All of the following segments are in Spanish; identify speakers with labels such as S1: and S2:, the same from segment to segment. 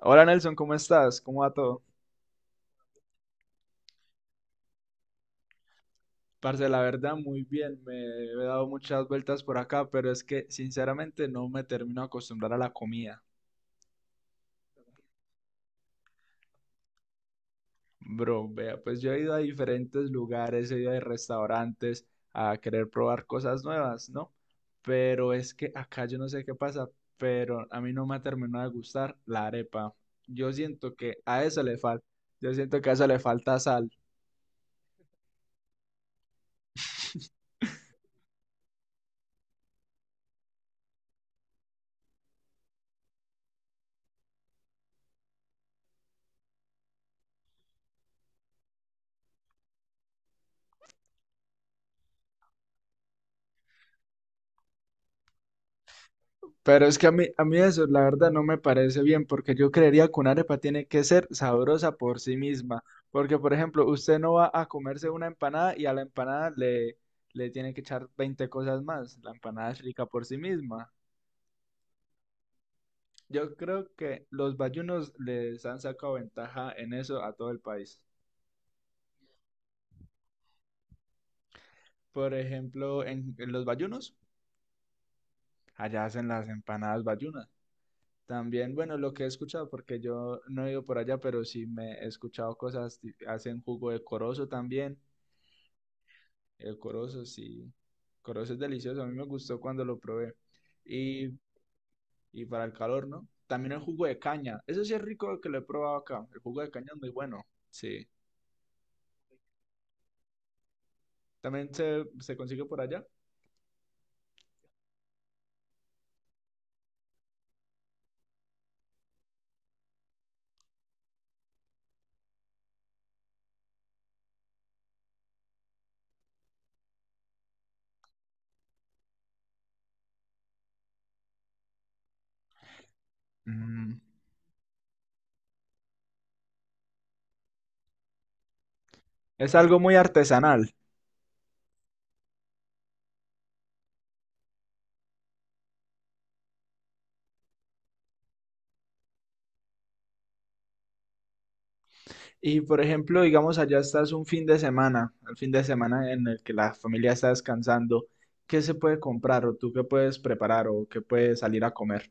S1: Hola Nelson, ¿cómo estás? ¿Cómo va todo? Parce, la verdad, muy bien. Me he dado muchas vueltas por acá, pero es que sinceramente no me termino de acostumbrar a la comida. Bro, vea, pues yo he ido a diferentes lugares, he ido a restaurantes a querer probar cosas nuevas, ¿no? Pero es que acá yo no sé qué pasa, pero a mí no me ha terminado de gustar la arepa. Yo siento que a eso le falta, yo siento que a eso le falta sal. Pero es que a mí eso, la verdad, no me parece bien, porque yo creería que una arepa tiene que ser sabrosa por sí misma. Porque, por ejemplo, usted no va a comerse una empanada y a la empanada le tiene que echar 20 cosas más. La empanada es rica por sí misma. Yo creo que los bayunos les han sacado ventaja en eso a todo el país. Por ejemplo, en los bayunos, allá hacen las empanadas bayunas. También, bueno, lo que he escuchado, porque yo no he ido por allá, pero sí me he escuchado cosas, hacen jugo de corozo también. El corozo, sí. Corozo es delicioso, a mí me gustó cuando lo probé. Y, y para el calor, ¿no? También el jugo de caña. Eso sí es rico que lo he probado acá. El jugo de caña es muy bueno. Sí. También se consigue por allá. Mm. Es algo muy artesanal. Y por ejemplo, digamos, allá estás un fin de semana, el fin de semana en el que la familia está descansando, ¿qué se puede comprar o tú qué puedes preparar o qué puedes salir a comer?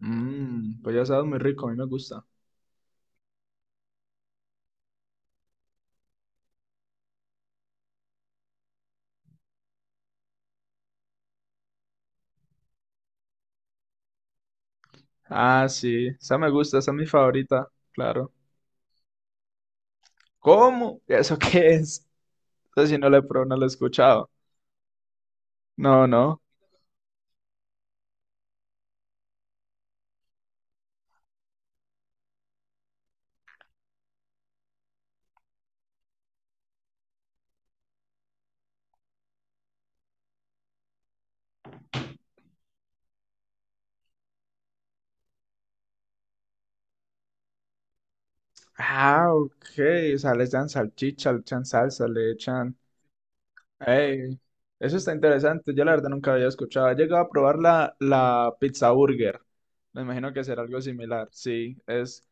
S1: Mmm, pues ya sabes, muy rico, a mí me gusta. Ah, sí, esa me gusta, esa es mi favorita, claro. ¿Cómo? ¿Eso qué es? Eso si no lo he probado, no lo he escuchado. No, no. Ah, ok, o sea, les dan salchicha, le echan salsa, le echan... Ey, eso está interesante. Yo la verdad nunca había escuchado. He llegado a probar la pizza burger. Me imagino que será algo similar. Sí, es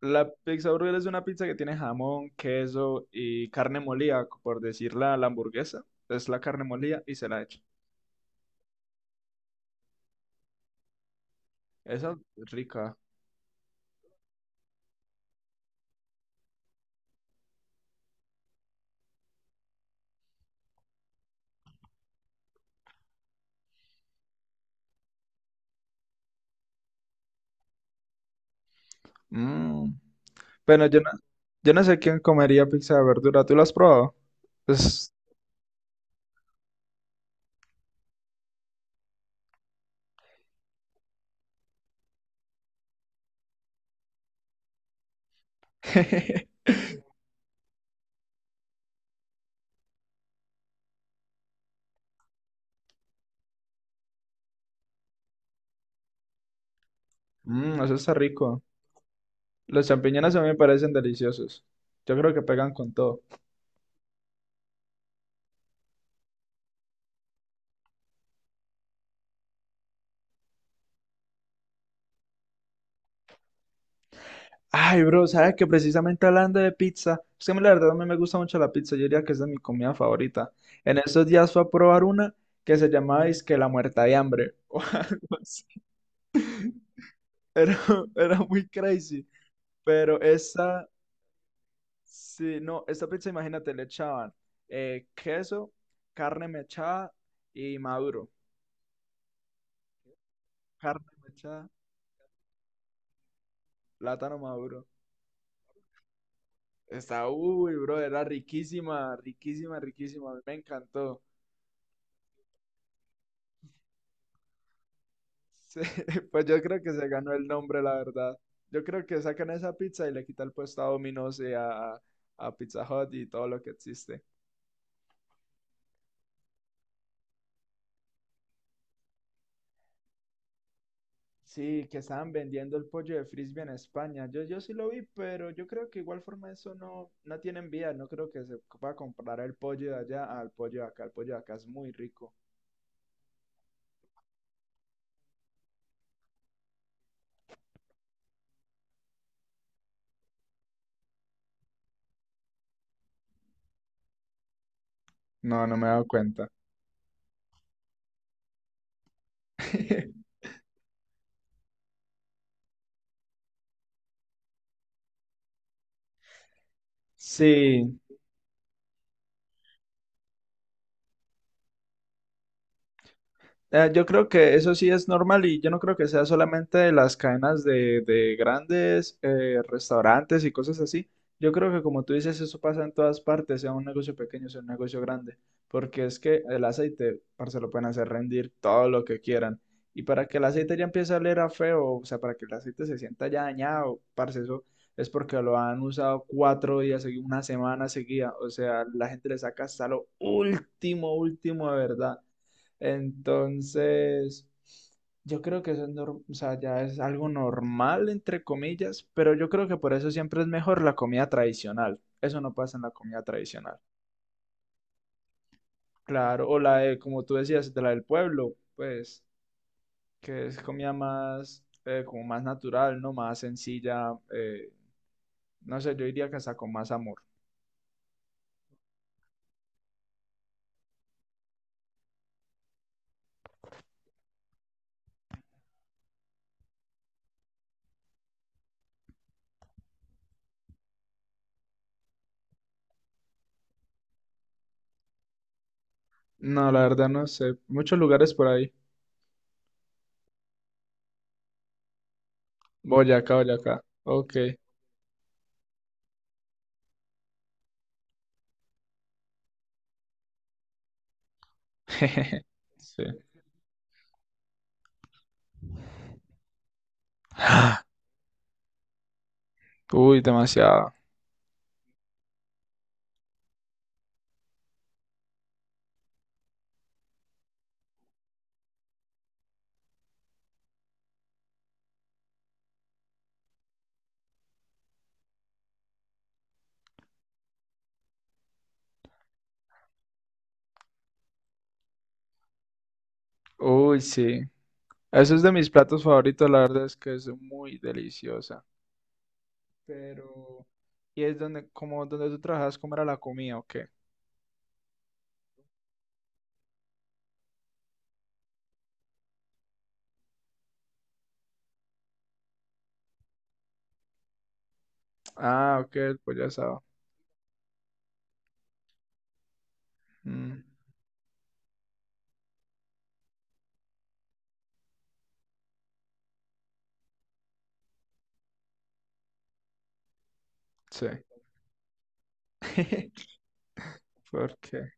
S1: La pizza burger es una pizza que tiene jamón, queso y carne molida, por decirla, la hamburguesa. Es la carne molida y se la echa. Esa es rica. Mm. Bueno, yo no sé quién comería pizza de verdura. ¿Tú la has probado? Es- Mm, eso está rico. Los champiñones a mí me parecen deliciosos. Yo creo que pegan con todo. Ay, bro, sabes que precisamente hablando de pizza, es que a mí la verdad a mí me gusta mucho la pizza, yo diría que esa es mi comida favorita. En estos días fui a probar una que se llamaba que la muerta de hambre o algo así. Era, era muy crazy, pero esa, sí, no, esta pizza imagínate, le echaban queso, carne mechada y maduro, carne mechada, plátano maduro. Está, uy, bro, era riquísima, riquísima, riquísima, a mí me encantó. Sí, pues yo creo que se ganó el nombre, la verdad. Yo creo que sacan esa pizza y le quita el puesto a Domino's y a Pizza Hut y todo lo que existe. Sí, que estaban vendiendo el pollo de frisbee en España. Yo sí lo vi, pero yo creo que igual forma eso no, tiene vía. No creo que se pueda comprar el pollo de allá al pollo de acá. El pollo de acá es muy rico. No, no me he dado cuenta. Sí. Yo creo que eso sí es normal y yo no creo que sea solamente de las cadenas de grandes restaurantes y cosas así. Yo creo que como tú dices, eso pasa en todas partes, sea un negocio pequeño, sea un negocio grande, porque es que el aceite, parce, lo pueden hacer rendir todo lo que quieran. Y para que el aceite ya empiece a oler a feo, o sea, para que el aceite se sienta ya dañado, parce, eso es porque lo han usado 4 días, seguidos una semana seguida. O sea, la gente le saca hasta lo último, último de verdad. Entonces, yo creo que eso es, o sea, ya es algo normal, entre comillas, pero yo creo que por eso siempre es mejor la comida tradicional. Eso no pasa en la comida tradicional. Claro, o la de, como tú decías, de la del pueblo, pues, que es comida más, como más natural, ¿no? Más sencilla, no sé, yo diría que hasta con más amor. No, la verdad no sé. Muchos lugares por ahí. Boyacá, Boyacá. Ok. Sí. Uy, demasiado. Uy, sí. Eso es de mis platos favoritos, la verdad es que es muy deliciosa. Pero, ¿y es donde, como donde tú trabajas, cómo era la comida o qué? Ah, ok, el pollo asado. Mm, sí. ¿Por qué?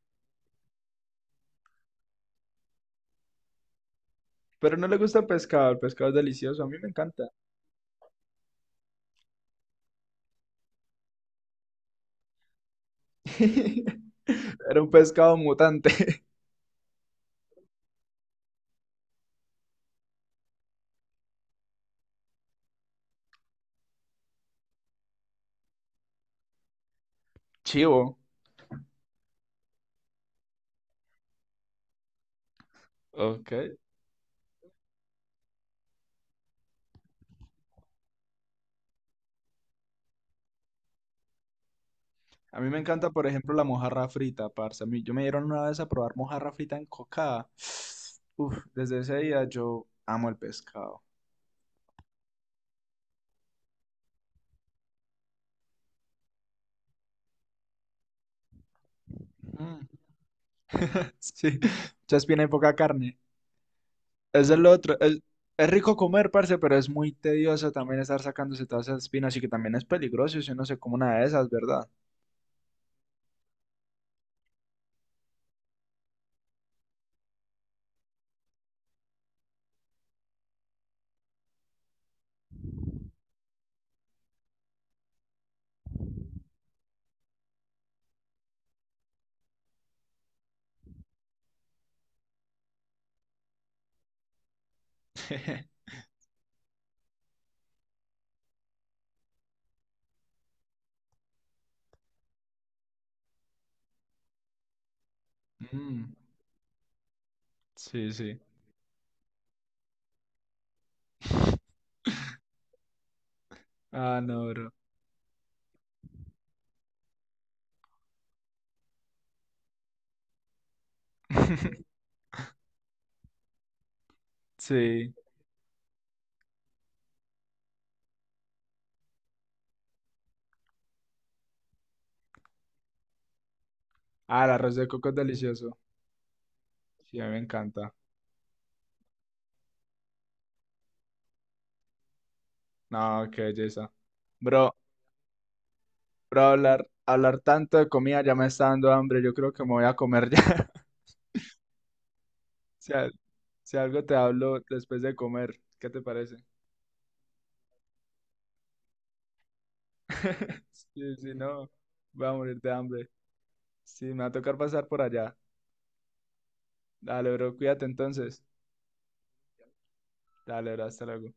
S1: Pero no le gusta el pescado es delicioso, a mí me encanta. Era un pescado mutante. Chivo. Ok. A mí me encanta, por ejemplo, la mojarra frita, parce. A mí, yo me dieron una vez a probar mojarra frita en cocada. Uf, desde ese día yo amo el pescado. Mm, sí, muchas y poca carne. Eso es lo otro. Es rico comer, parce, pero es muy tedioso también estar sacándose todas esas espinas y que también es peligroso si uno se come una de esas, ¿verdad? Mm, sí, sí. Ah, no, bro. Sí. Ah, el arroz de coco es delicioso. Sí, a mí me encanta. No, qué belleza. Bro, bro, hablar, hablar tanto de comida ya me está dando hambre. Yo creo que me voy a comer ya. Si, si algo te hablo después de comer, ¿qué te parece? Sí, sí, no, voy a morir de hambre. Sí, me va a tocar pasar por allá. Dale, bro, cuídate entonces. Dale, bro, hasta luego.